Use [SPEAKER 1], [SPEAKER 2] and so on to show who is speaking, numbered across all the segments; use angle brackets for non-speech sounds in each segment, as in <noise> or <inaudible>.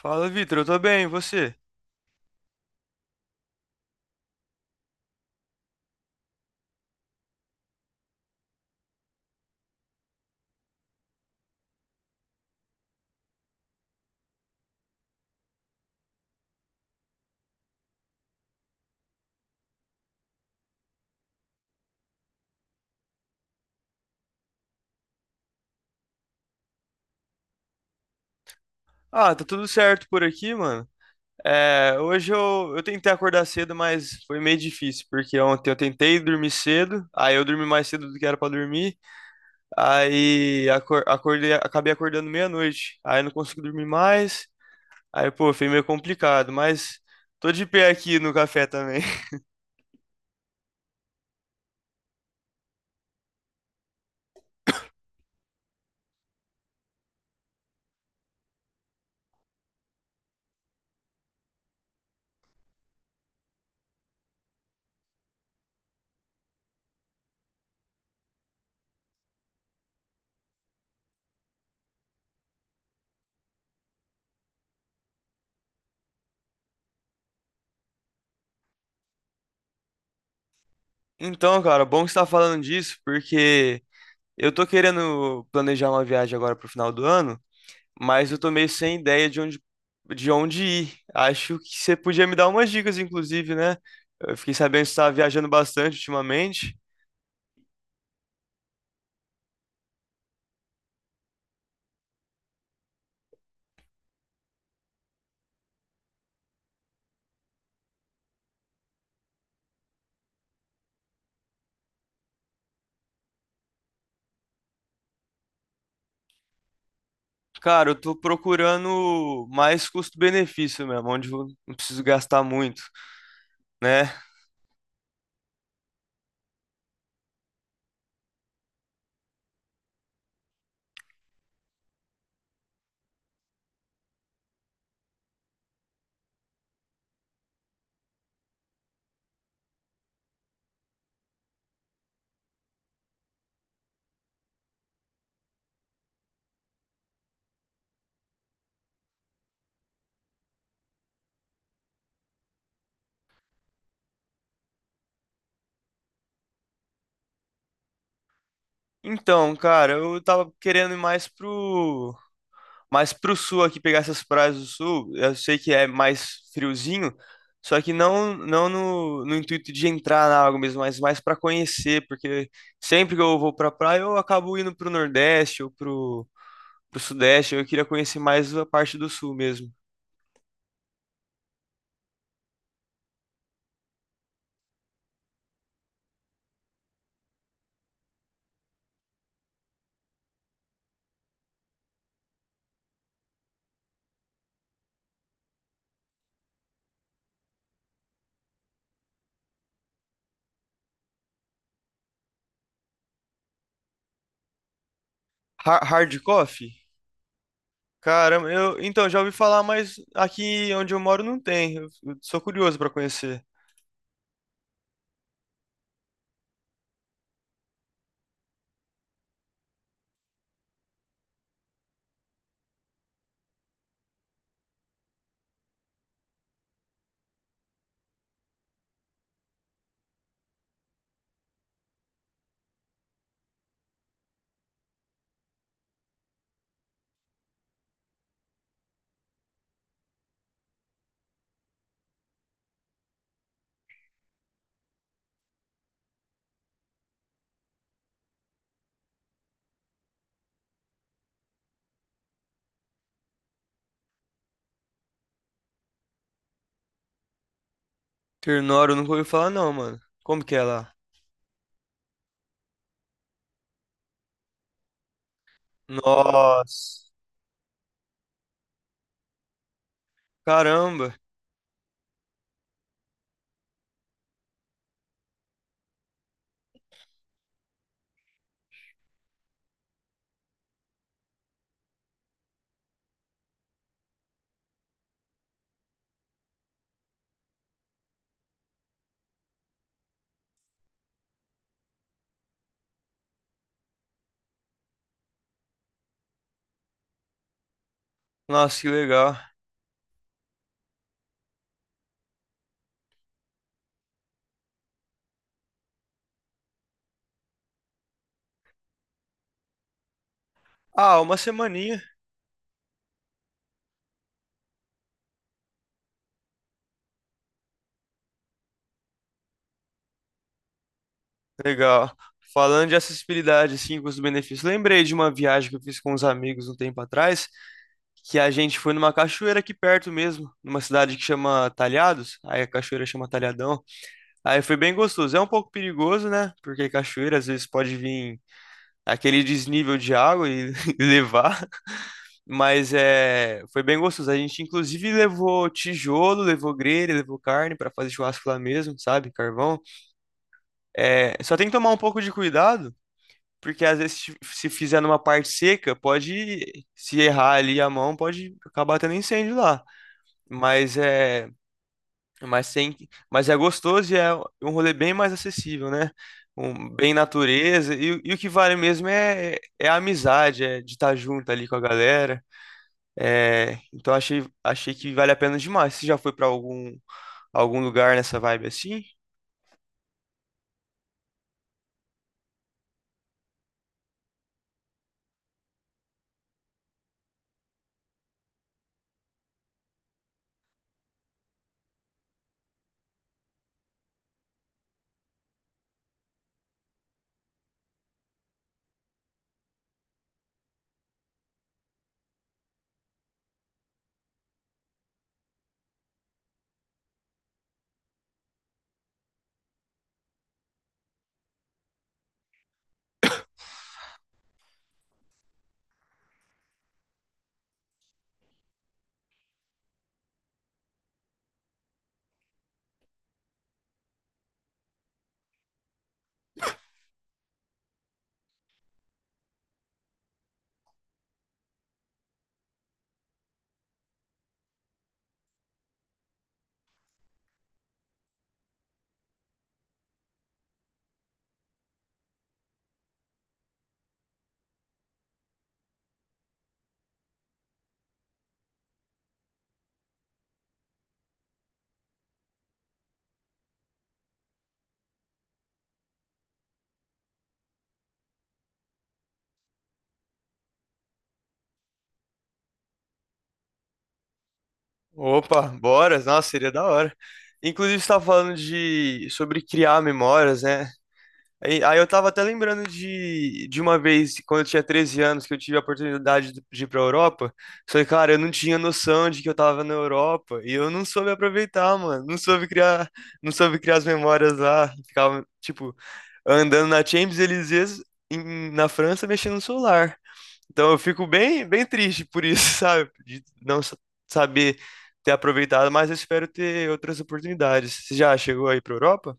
[SPEAKER 1] Fala, Vitor, eu tô bem, e você? Ah, tá tudo certo por aqui, mano. É, hoje eu tentei acordar cedo, mas foi meio difícil, porque ontem eu tentei dormir cedo, aí eu dormi mais cedo do que era pra dormir, aí acordei, acabei acordando meia-noite, aí não consegui dormir mais, aí pô, foi meio complicado, mas tô de pé aqui no café também. <laughs> Então, cara, bom que você tá falando disso, porque eu tô querendo planejar uma viagem agora pro final do ano, mas eu tô meio sem ideia de onde ir. Acho que você podia me dar umas dicas, inclusive, né? Eu fiquei sabendo que você estava viajando bastante ultimamente. Cara, eu tô procurando mais custo-benefício mesmo, onde eu não preciso gastar muito, né? Então, cara, eu tava querendo ir mais pro, mas pro sul aqui, pegar essas praias do sul, eu sei que é mais friozinho, só que não, não no, no intuito de entrar na água mesmo, mas mais para conhecer, porque sempre que eu vou pra praia, eu acabo indo pro Nordeste ou pro, pro Sudeste. Eu queria conhecer mais a parte do sul mesmo. Hard coffee? Caramba, eu, então, já ouvi falar, mas aqui onde eu moro não tem. Eu sou curioso pra conhecer. Ternório, eu nunca ouvi falar não, mano. Como que é lá? Nossa, caramba. Nossa, que legal. Ah, uma semaninha. Legal. Falando de acessibilidade, assim, com os benefícios. Lembrei de uma viagem que eu fiz com uns amigos um tempo atrás, que a gente foi numa cachoeira aqui perto mesmo, numa cidade que chama Talhados. Aí a cachoeira chama Talhadão. Aí foi bem gostoso. É um pouco perigoso, né? Porque cachoeira às vezes pode vir aquele desnível de água e <laughs> levar. Mas é, foi bem gostoso. A gente inclusive levou tijolo, levou grelha, levou carne para fazer churrasco lá mesmo, sabe? Carvão. É, só tem que tomar um pouco de cuidado, porque às vezes se fizer numa parte seca, pode se errar ali a mão, pode acabar tendo incêndio lá. Mas é, mas tem, mas é gostoso e é um rolê bem mais acessível, né? Um, bem natureza e, e o que vale mesmo é, é a amizade, é de estar junto ali com a galera. É, então achei, achei que vale a pena demais. Você já foi para algum lugar nessa vibe assim? Opa, bora! Nossa, seria da hora. Inclusive, você estava falando de sobre criar memórias, né? Aí eu tava até lembrando de uma vez, quando eu tinha 13 anos, que eu tive a oportunidade de ir pra Europa. Só que, cara, eu não tinha noção de que eu tava na Europa. E eu não soube aproveitar, mano. Não soube criar, não soube criar as memórias lá. Ficava, tipo, andando na Champs-Élysées na França, mexendo no celular. Então eu fico bem, bem triste por isso, <laughs> sabe? De não saber ter aproveitado, mas eu espero ter outras oportunidades. Você já chegou aí pra Europa?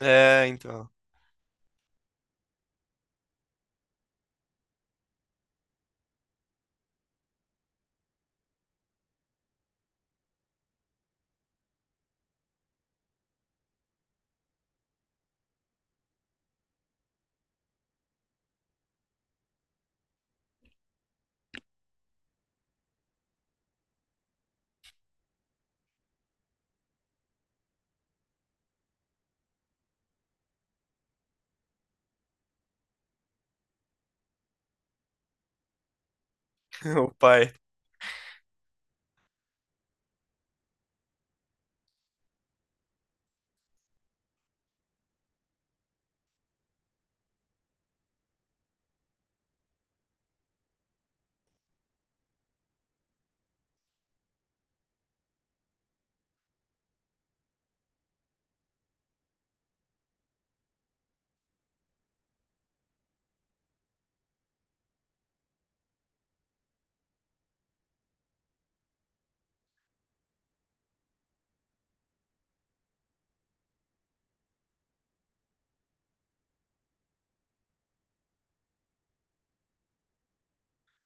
[SPEAKER 1] É, então. <laughs> O pai.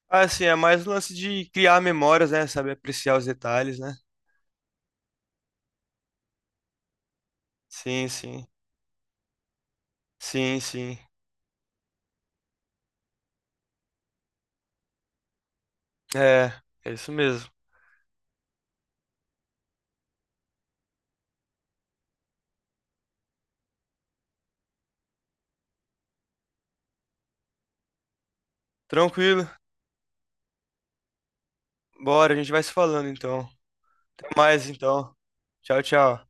[SPEAKER 1] Ah, assim, é mais um lance de criar memórias, né? Saber apreciar os detalhes, né? Sim, sim. Sim, sim. É, é isso mesmo. Tranquilo. Bora, a gente vai se falando então. Até mais então. Tchau, tchau.